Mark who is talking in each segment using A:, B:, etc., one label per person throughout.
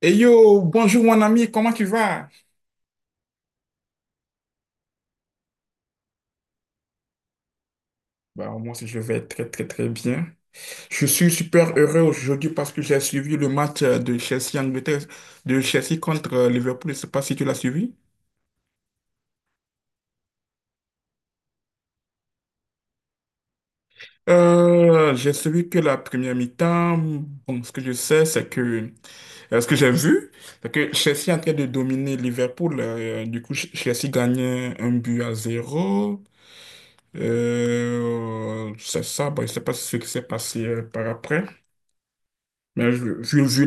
A: Hey yo, bonjour mon ami, comment tu vas? Bah, moi aussi je vais très très très bien. Je suis super heureux aujourd'hui parce que j'ai suivi le match de Chelsea Angleterre, de Chelsea contre Liverpool. Je ne sais pas si tu l'as suivi. J'ai suivi que la première mi-temps. Bon, ce que je sais, c'est que ce que j'ai vu, c'est que Chelsea est en train de dominer Liverpool. Du coup, Chelsea gagnait 1-0. C'est ça. Bon, je ne sais pas ce qui s'est passé par après. Mais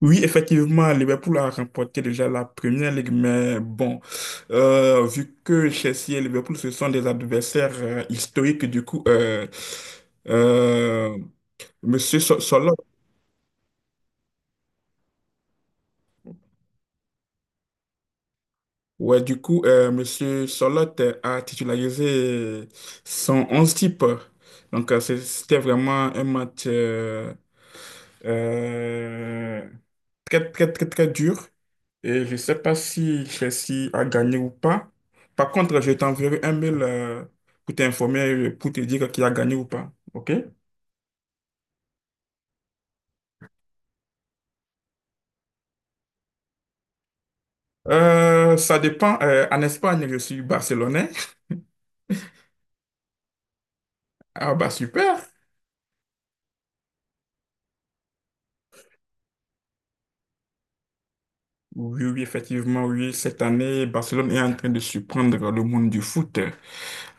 A: oui, effectivement, Liverpool a remporté déjà la première ligue, mais bon, vu que Chelsea et Liverpool, ce sont des adversaires historiques, du coup, euh, Monsieur Solot, ouais, du coup, Monsieur Solot a titularisé son 11 type. Donc, c'était vraiment un match euh, très, très, très, très dur. Et je ne sais pas si Chelsea a gagné ou pas. Par contre, je t'enverrai un mail pour t'informer, pour te dire qui a gagné ou pas. OK? Ça dépend. En Espagne, je suis barcelonais. Ah bah super. Oui, oui, effectivement, oui. Cette année, Barcelone est en train de surprendre le monde du foot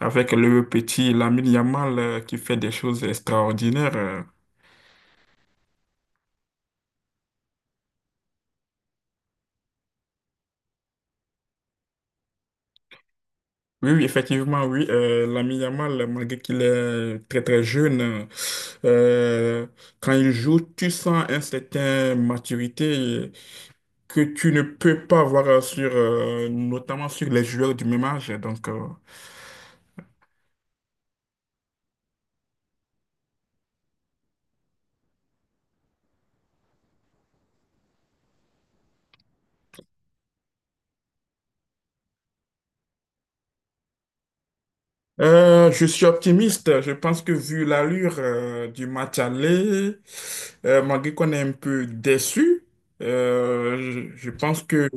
A: avec le petit Lamine Yamal qui fait des choses extraordinaires. Oui, oui, effectivement, oui. L'ami Yamal, malgré qu'il est très très jeune, euh, quand il joue, tu sens un certain maturité que tu ne peux pas voir sur, notamment sur les joueurs du même âge. Donc, je suis optimiste. Je pense que vu l'allure, du match aller, malgré qu'on est un peu déçu, je pense que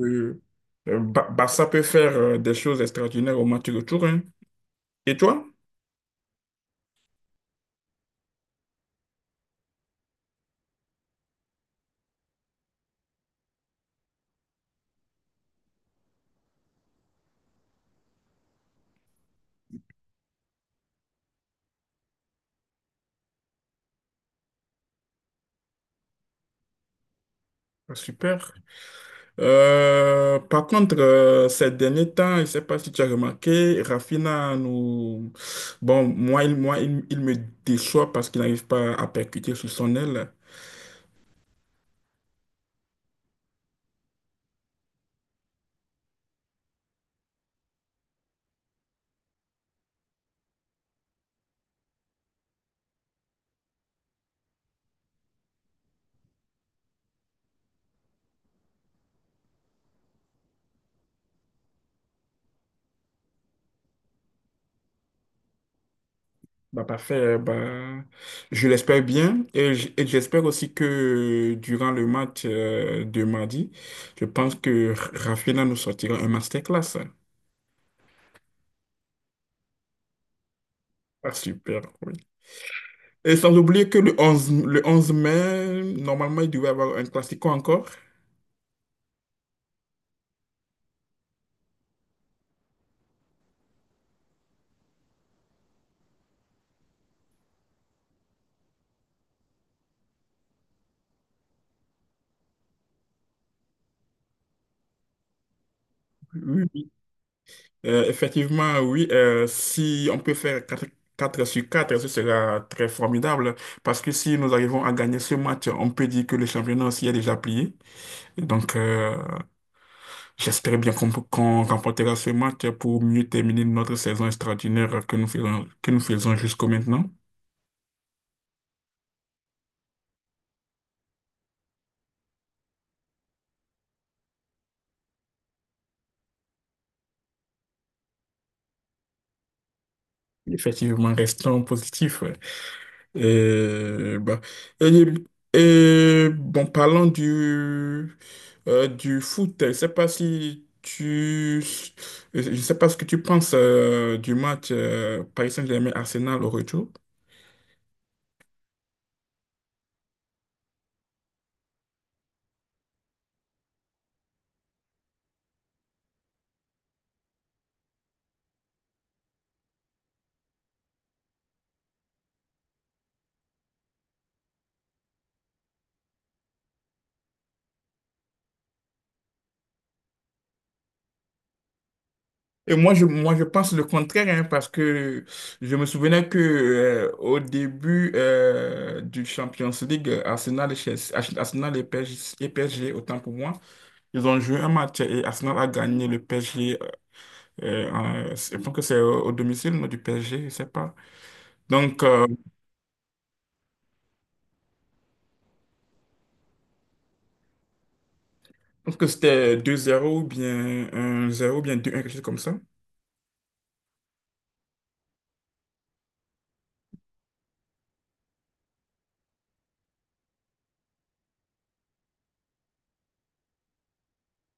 A: Barça peut faire des choses extraordinaires au match retour. Hein. Et toi? Ah, super. Par contre, ces derniers temps, je ne sais pas si tu as remarqué, Rafinha nous... Bon, moi, il me déçoit parce qu'il n'arrive pas à percuter sous son aile. Bah, parfait. Bah, je l'espère bien. Et et j'espère aussi que durant le match de mardi, je pense que Rafinha nous sortira un masterclass. Ah, super, oui. Et sans oublier que le 11 mai, normalement, il devait y avoir un classico encore. Oui, effectivement, oui. Si on peut faire quatre sur 4 ce sera très formidable. Parce que si nous arrivons à gagner ce match, on peut dire que le championnat s'y est déjà plié. Donc, j'espère bien qu'on remportera ce match pour mieux terminer notre saison extraordinaire que nous faisons jusqu'au maintenant. Effectivement, restons positifs. Et, bah, et, et, bon, parlant du foot, je sais pas si tu, je sais pas ce que tu penses du match Paris Saint-Germain-Arsenal au retour. Et moi, je pense le contraire, hein, parce que je me souvenais que au début du Champions League, Arsenal et PSG, autant pour moi, ils ont joué un match et Arsenal a gagné le PSG. Je pense que c'est au domicile non, du PSG, je sais pas. Donc, je pense que c'était 2-0 ou bien 1-0 ou bien 2-1 quelque chose comme ça.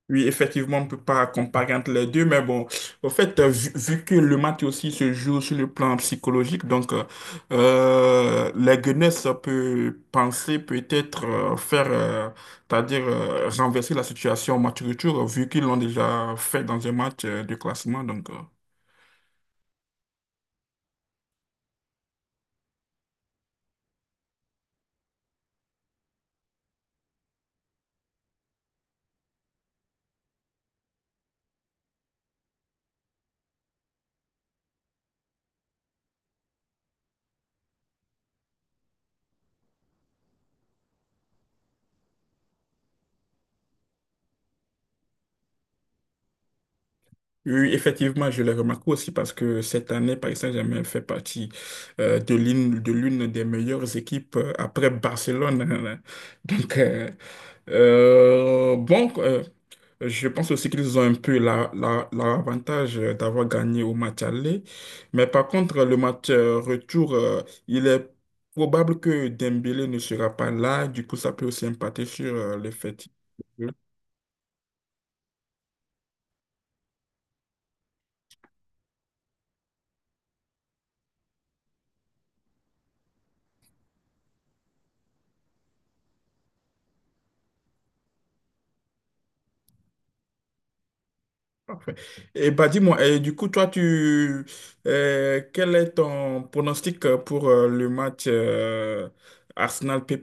A: Oui, effectivement, on ne peut pas comparer entre les deux, mais bon, au fait, vu que le match aussi se joue sur le plan psychologique, donc la Guinness peut penser peut-être faire, c'est-à-dire renverser la situation au match retour, vu qu'ils l'ont déjà fait dans un match de classement. Donc, oui, effectivement, je l'ai remarqué aussi parce que cette année, Paris Saint-Germain fait partie de l'une des meilleures équipes après Barcelone. Donc, bon, je pense aussi qu'ils ont un peu l'avantage d'avoir gagné au match aller. Mais par contre, le match retour, il est probable que Dembélé ne sera pas là. Du coup, ça peut aussi impacter sur le fait. Parfait. Et bah dis-moi, et du coup, quel est ton pronostic pour le match arsenal G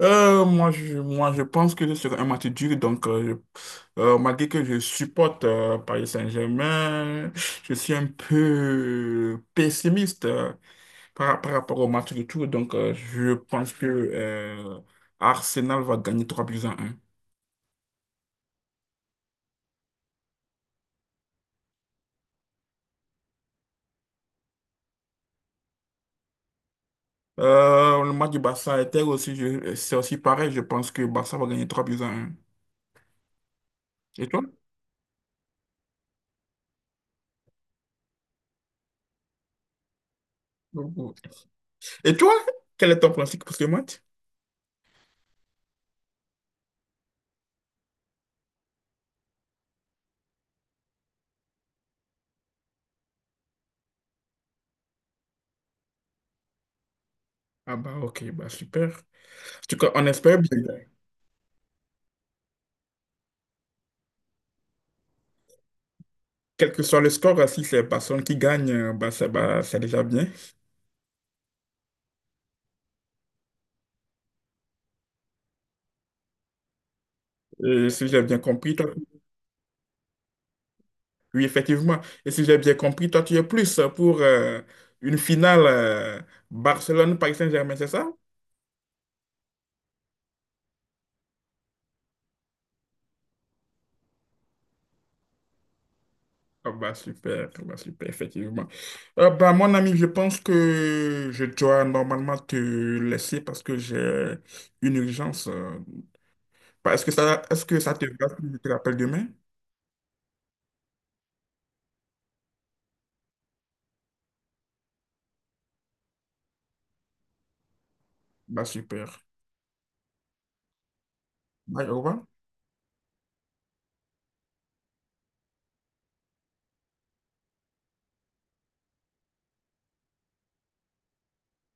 A: Moi, je pense que ce sera un match dur. Donc, malgré que je supporte Paris Saint-Germain, je suis un peu pessimiste par rapport au match du tour. Donc, je pense que Arsenal va gagner 3-1. Le match du Barça Inter aussi, c'est aussi pareil. Je pense que Barça va gagner 3-1. Et toi? Et toi, quel est ton pronostic pour ce match? Ah bah ok, bah super. En tout cas, on espère bien. Quel que soit le score, si c'est personne qui gagne, bah, c'est déjà bien. Et si j'ai bien compris, toi, oui, effectivement. Et si j'ai bien compris, toi, tu es plus pour une finale Barcelone-Paris Saint-Germain, c'est ça? Ah bah, super, effectivement. Bah, mon ami, je pense que je dois normalement te laisser parce que j'ai une urgence. Bah, est-ce que ça te va si je te rappelle demain? Bah, super. Bye, au revoir.